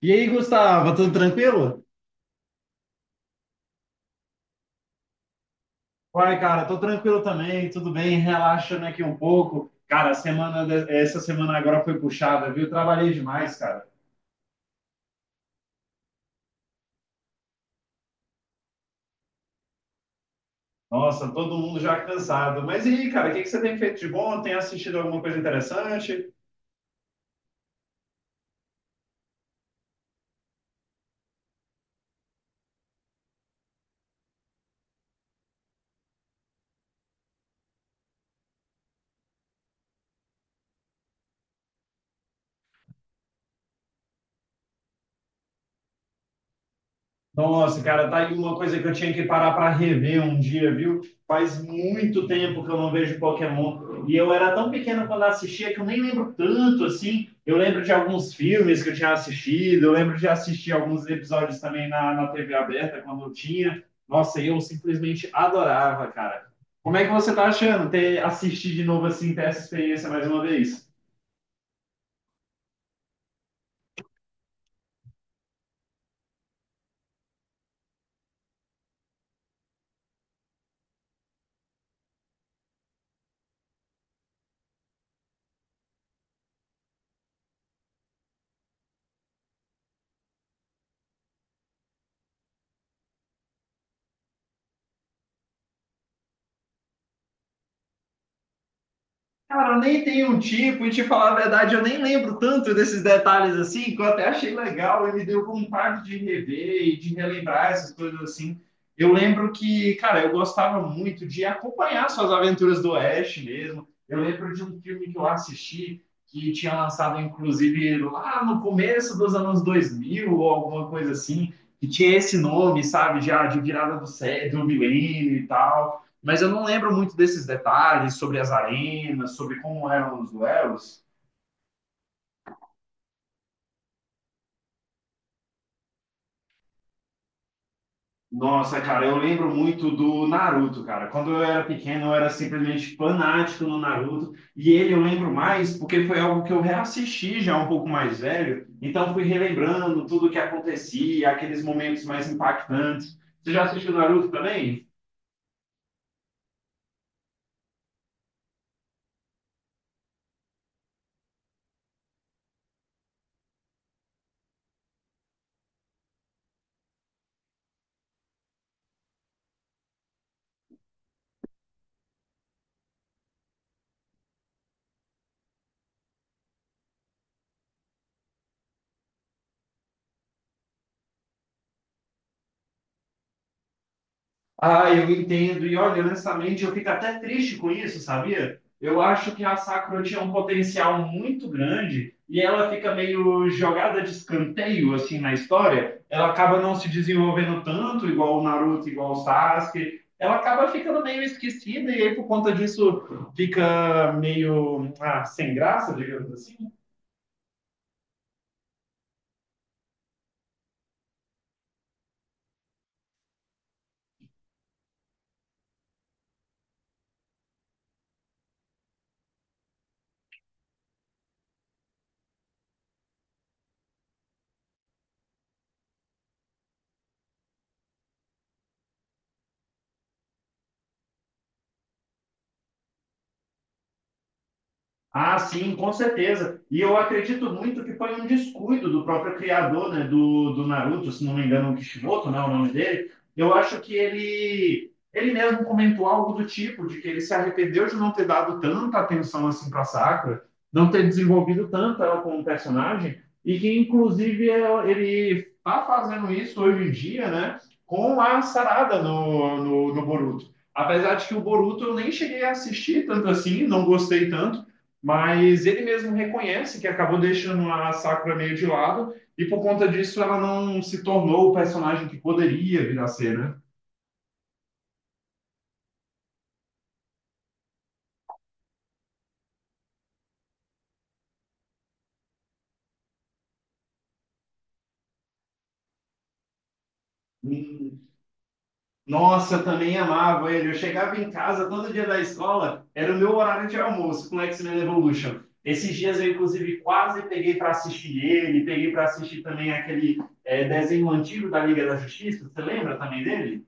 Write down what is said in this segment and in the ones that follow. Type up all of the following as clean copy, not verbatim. E aí, Gustavo, tudo tranquilo? Uai, cara, tô tranquilo também, tudo bem, relaxando aqui um pouco. Cara, essa semana agora foi puxada, viu? Trabalhei demais, cara. Nossa, todo mundo já cansado. Mas e aí, cara, o que que você tem feito de bom? Tem assistido alguma coisa interessante? Nossa, cara, tá aí uma coisa que eu tinha que parar para rever um dia, viu? Faz muito tempo que eu não vejo Pokémon. E eu era tão pequeno quando assistia que eu nem lembro tanto, assim. Eu lembro de alguns filmes que eu tinha assistido, eu lembro de assistir alguns episódios também na TV aberta quando eu tinha. Nossa, eu simplesmente adorava, cara. Como é que você tá achando ter assistir de novo assim, ter essa experiência mais uma vez? Cara, eu nem tenho um tipo, e te falar a verdade, eu nem lembro tanto desses detalhes assim, que eu até achei legal, e me deu vontade de rever e de relembrar essas coisas assim. Eu lembro que, cara, eu gostava muito de acompanhar suas aventuras do Oeste mesmo. Eu lembro de um filme que eu assisti, que tinha lançado, inclusive, lá no começo dos anos 2000 ou alguma coisa assim, que tinha esse nome, sabe, já de virada do milênio e tal. Mas eu não lembro muito desses detalhes sobre as arenas, sobre como eram os duelos. Nossa, cara, eu lembro muito do Naruto, cara. Quando eu era pequeno, eu era simplesmente fanático no Naruto. E ele eu lembro mais porque foi algo que eu reassisti já um pouco mais velho. Então fui relembrando tudo o que acontecia, aqueles momentos mais impactantes. Você já assistiu Naruto também? Ah, eu entendo. E olha, honestamente, eu fico até triste com isso, sabia? Eu acho que a Sakura tinha um potencial muito grande e ela fica meio jogada de escanteio, assim, na história. Ela acaba não se desenvolvendo tanto, igual o Naruto, igual o Sasuke. Ela acaba ficando meio esquecida e aí, por conta disso, fica meio, ah, sem graça, digamos assim. Ah, sim, com certeza. E eu acredito muito que foi um descuido do próprio criador, né, do Naruto, se não me engano, o Kishimoto, né, o nome dele. Eu acho que ele mesmo comentou algo do tipo de que ele se arrependeu de não ter dado tanta atenção assim para Sakura, não ter desenvolvido tanto ela como personagem, e que ele tá fazendo isso hoje em dia, né, com a Sarada no Boruto. Apesar de que o Boruto eu nem cheguei a assistir tanto assim, não gostei tanto, mas ele mesmo reconhece que acabou deixando a Sakura meio de lado e por conta disso ela não se tornou o personagem que poderia vir a ser, né? Hum, Nossa, também amava ele. Eu chegava em casa todo dia da escola, era o meu horário de almoço com X-Men Evolution. Esses dias eu, inclusive, quase peguei para assistir ele, peguei para assistir também aquele desenho antigo da Liga da Justiça. Você lembra também dele?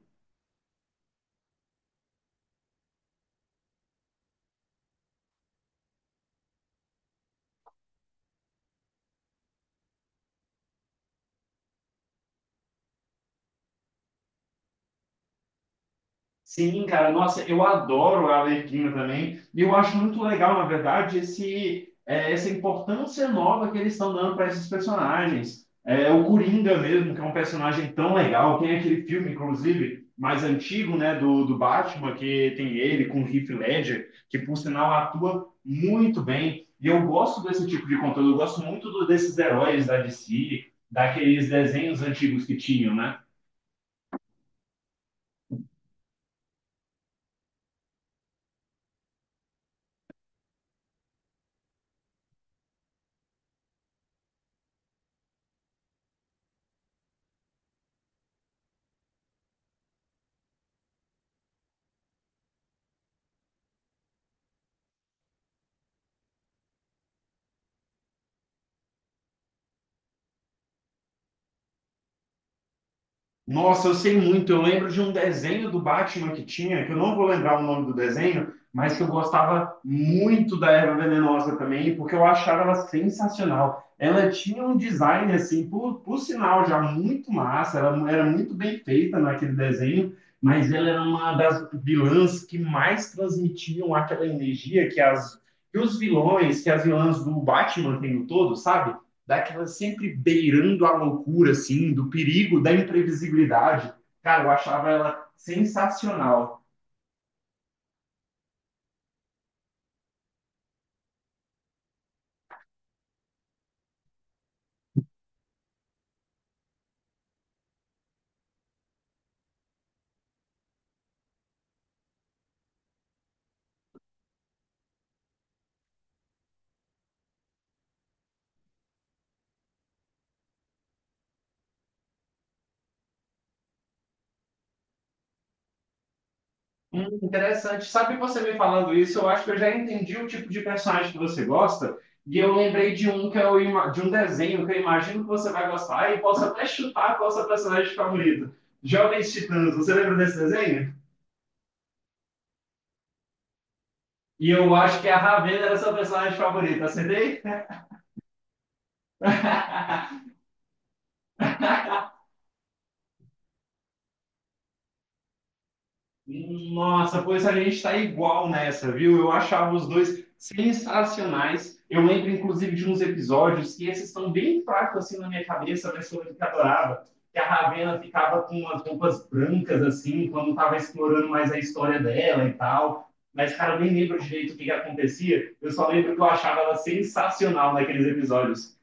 Sim, cara, nossa, eu adoro a Arlequina também, e eu acho muito legal, na verdade, esse, é, essa importância nova que eles estão dando para esses personagens. É, o Coringa mesmo, que é um personagem tão legal, tem aquele filme, inclusive, mais antigo, né, do Batman, que tem ele com o Heath Ledger, que, por sinal, atua muito bem, e eu gosto desse tipo de conteúdo, eu gosto muito do, desses heróis da DC, daqueles desenhos antigos que tinham, né? Nossa, eu sei muito. Eu lembro de um desenho do Batman que tinha, que eu não vou lembrar o nome do desenho, mas que eu gostava muito da Erva Venenosa também, porque eu achava ela sensacional. Ela tinha um design, assim, por sinal, já muito massa. Ela era muito bem feita naquele desenho, mas ela era uma das vilãs que mais transmitiam aquela energia que, as, que os vilões, que as vilãs do Batman têm no todo, sabe? Daquela sempre beirando a loucura, assim, do perigo, da imprevisibilidade. Cara, eu achava ela sensacional. Interessante. Sabe, você me falando isso, eu acho que eu já entendi o tipo de personagem que você gosta, e eu lembrei de um de um desenho que eu imagino que você vai gostar e posso até chutar qual é o seu personagem favorito. Jovens Titãs, você lembra desse desenho? E eu acho que a Ravena era seu personagem favorito, acertei? Nossa, pois a gente tá igual nessa, viu? Eu achava os dois sensacionais. Eu lembro, inclusive, de uns episódios que esses estão bem fracos assim na minha cabeça, mas que eu que adorava. Que a Ravena ficava com umas roupas brancas, assim, quando tava explorando mais a história dela e tal. Mas, cara, eu nem lembro direito o que que acontecia. Eu só lembro que eu achava ela sensacional naqueles episódios.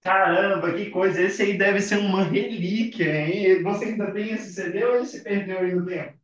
Caramba, que coisa! Esse aí deve ser uma relíquia, hein? Você ainda tem esse CD ou ele se perdeu aí no tempo?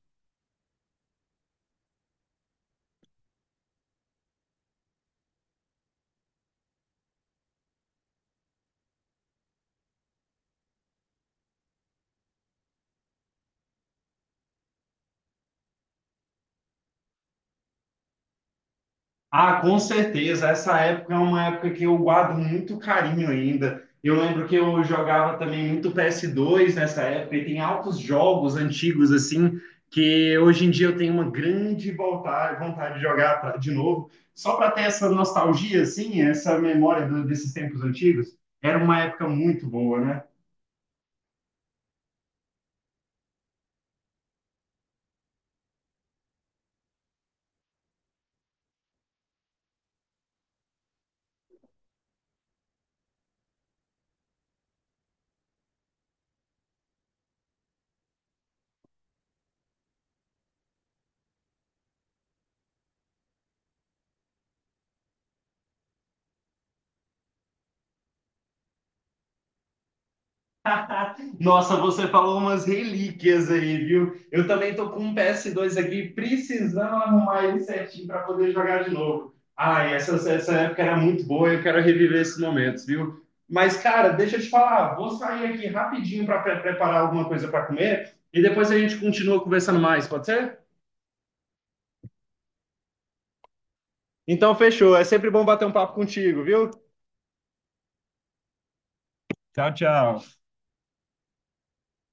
Ah, com certeza. Essa época é uma época que eu guardo muito carinho ainda. Eu lembro que eu jogava também muito PS2 nessa época e tem altos jogos antigos assim que hoje em dia eu tenho uma grande vontade de jogar de novo, só para ter essa nostalgia assim, essa memória desses tempos antigos. Era uma época muito boa, né? Nossa, você falou umas relíquias aí, viu? Eu também tô com um PS2 aqui, precisando arrumar ele certinho para poder jogar de novo. Ai, essa época era muito boa, eu quero reviver esses momentos, viu? Mas, cara, deixa eu te falar, vou sair aqui rapidinho para preparar alguma coisa para comer e depois a gente continua conversando mais, pode ser? Então, fechou. É sempre bom bater um papo contigo, viu? Tchau, tchau.